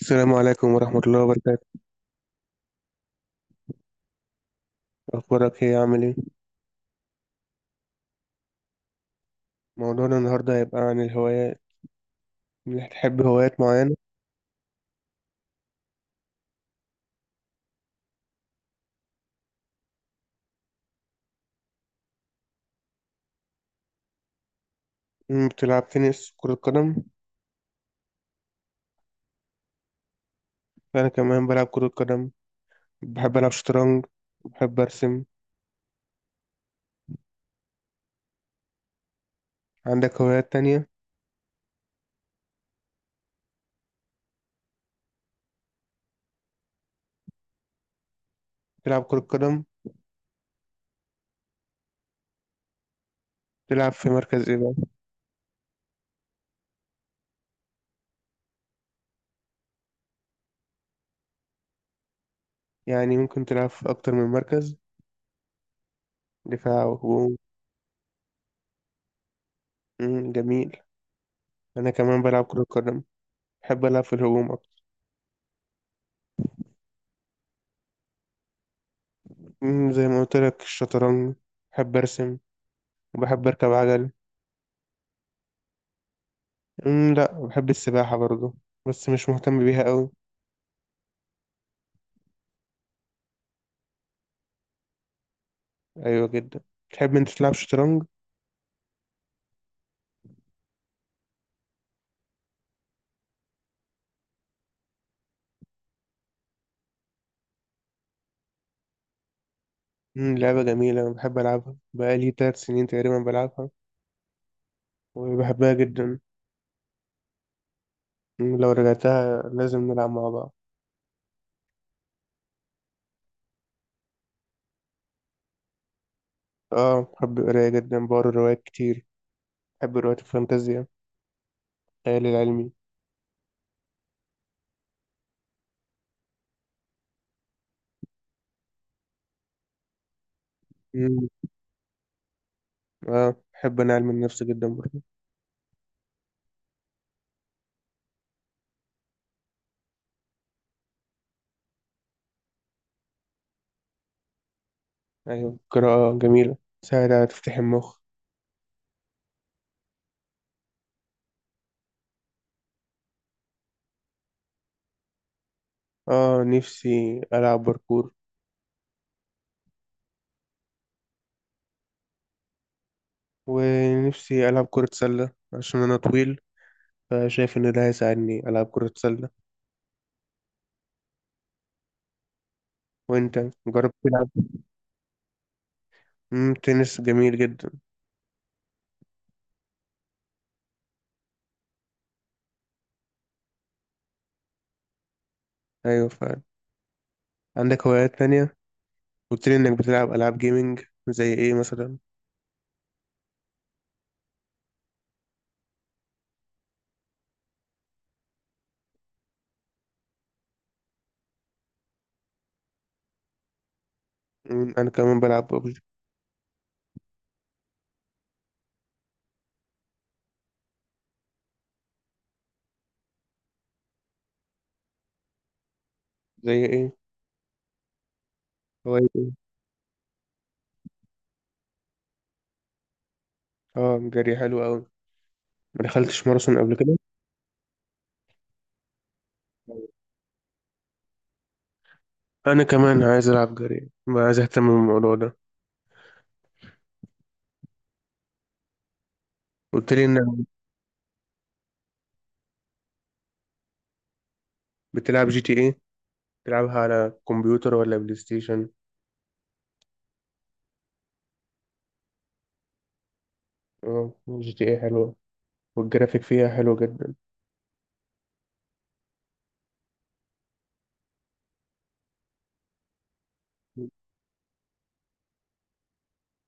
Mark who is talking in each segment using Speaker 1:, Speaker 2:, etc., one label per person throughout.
Speaker 1: السلام عليكم ورحمة الله وبركاته. أخبارك إيه عامل إيه؟ موضوعنا النهاردة هيبقى عن الهوايات. إنك تحب هوايات معينة. بتلعب تنس كرة قدم؟ أنا كمان بلعب كرة قدم. بحب ألعب شطرنج. بحب أرسم. عندك هوايات تانية؟ تلعب كرة قدم؟ تلعب في مركز إيه بقى؟ يعني ممكن تلعب في أكتر من مركز، دفاع وهجوم. جميل. أنا كمان بلعب كرة قدم. بحب ألعب في الهجوم أكتر. زي ما قلت لك، الشطرنج. بحب أرسم. وبحب أركب عجل. لا، بحب السباحة برضو. بس مش مهتم بيها قوي. ايوه جدا. تحب انت تلعب شطرنج؟ لعبة جميلة. انا بحب العبها بقالي 3 سنين تقريبا بلعبها. وبحبها جدا. لو رجعتها لازم نلعب مع بعض. اه بحب القراية جدا، بقرا روايات كتير. بحب روايات الفانتازيا، الخيال العلمي. امم اه، بحب انا علم النفس جدا برضو. ايوه قراءة جميلة، تساعد على تفتح المخ. اه، نفسي العب باركور. ونفسي العب كرة سلة عشان انا طويل. فشايف إن ده هيساعدني ألعب كرة سلة. وأنت؟ جربت تلعب؟ تنس جميل جدا. أيوة فعلا. عندك هوايات تانية؟ قلت لي إنك بتلعب ألعاب جيمنج، زي إيه مثلا؟ أنا كمان بلعب ببجي. زي إيه؟ هواية إيه؟ آه، جري حلو أوي. ما دخلتش ماراثون قبل كده؟ أنا كمان عايز ألعب جري، ما عايز أهتم بالموضوع ده. قلت لي إنك بتلعب جي تي إيه. بتلعبها على كمبيوتر ولا بلاي ستيشن؟ اه، جي تي إيه حلوة. والجرافيك فيها حلو جدا.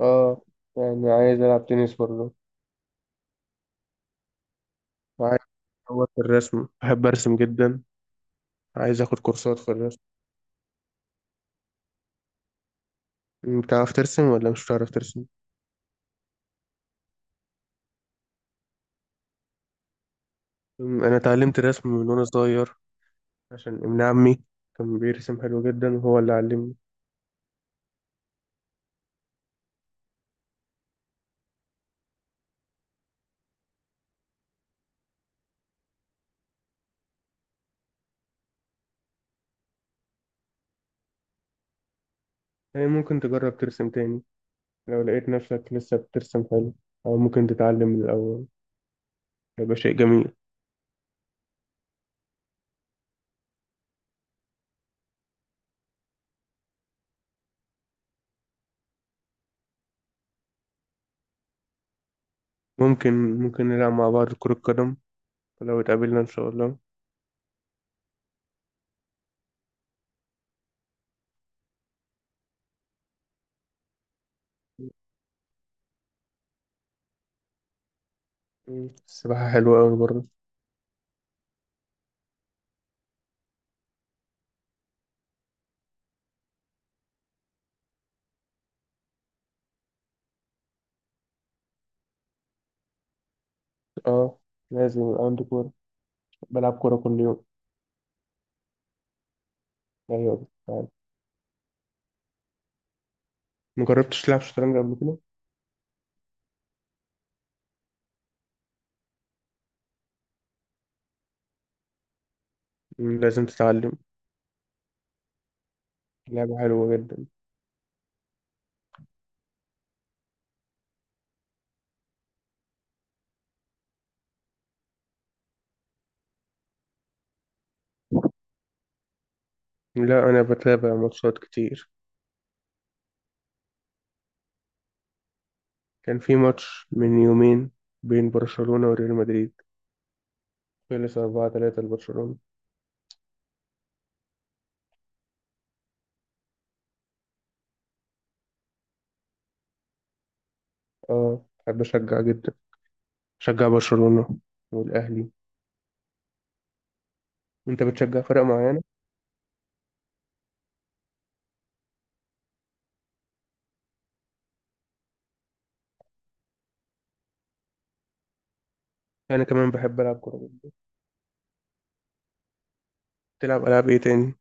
Speaker 1: اه، يعني عايز العب تنس برضه. عايز اطور في الرسم، بحب ارسم جدا. عايز اخد كورسات في الرسم. بتعرف ترسم ولا مش بتعرف ترسم؟ انا اتعلمت الرسم من وانا صغير. عشان ابن عمي كان بيرسم حلو جدا وهو اللي علمني. يعني ممكن تجرب ترسم تاني. لو لقيت نفسك لسه بترسم حلو، او ممكن تتعلم من الاول. هيبقى شيء جميل. ممكن ممكن نلعب مع بعض كرة قدم لو اتقابلنا ان شاء الله. السباحة حلوة أوي برضه. اه، لازم يبقى عندي كورة. بلعب كورة كل يوم. ايوه فعلا. ما جربتش تلعب شطرنج قبل كده؟ لازم تتعلم. لعبة حلوة جدا. لا، انا بتابع ماتشات كتير. كان في ماتش من يومين بين برشلونة وريال مدريد. خلص 4-3 لبرشلونة. اه بحب اشجع جدا. شجع برشلونة والاهلي. انت بتشجع فرق معينة؟ انا كمان بحب العب كورة جدا. تلعب العاب ايه تاني؟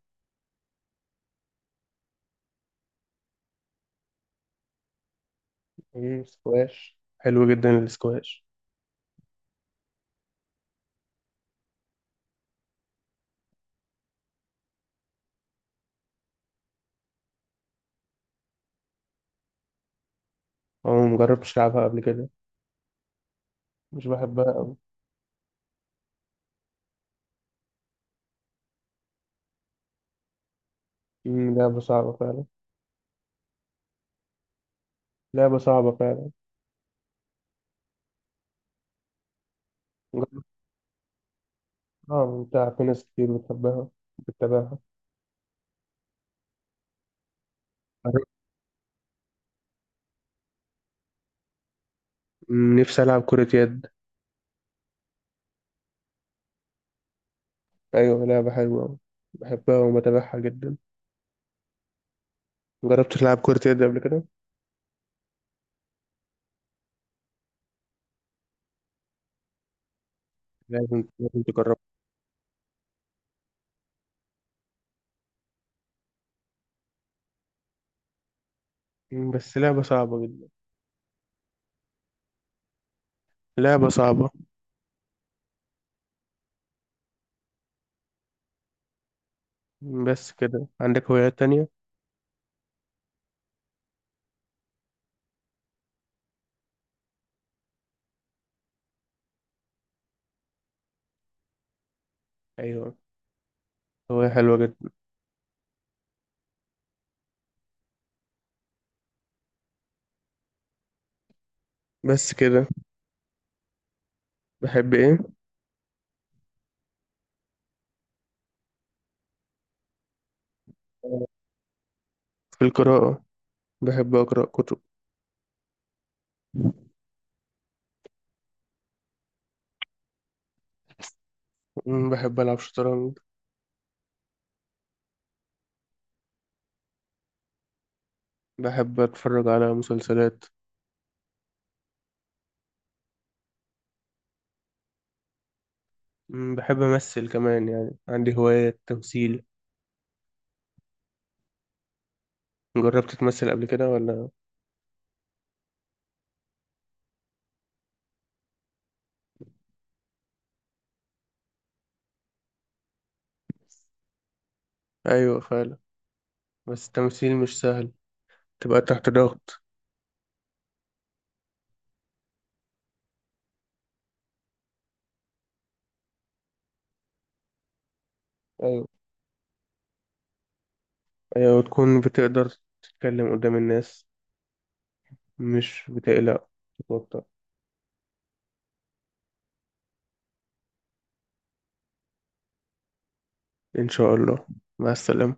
Speaker 1: ايه، سكواش حلو جدا السكواش. اه، مجربتش العبها قبل كده. مش بحبها قوي. لعبة صعبة فعلا. لعبة صعبة فعلا. اه ممتعة، في ناس كتير بتحبها، بتتابعها. عارف، نفسي ألعب كرة يد. أيوة لعبة حلوة أوي. بحبها وبتابعها جدا. مجربتش تلعب كرة يد قبل كده؟ لازم تجربها. بس لعبة صعبة جدا. لعبة صعبة. بس كده؟ عندك هوايات تانية؟ أيوة، هواية حلوة جدا. بس كده. بحب إيه؟ في القراءة، بحب أقرأ كتب. بحب ألعب شطرنج. بحب أتفرج على مسلسلات. بحب أمثل كمان، يعني عندي هواية تمثيل. جربت تمثل قبل كده ولا؟ ايوه فعلا. بس التمثيل مش سهل، تبقى تحت ضغط. ايوه، ايوه، وتكون بتقدر تتكلم قدام الناس، مش بتقلق، تتوتر. ان شاء الله. مع السلامة.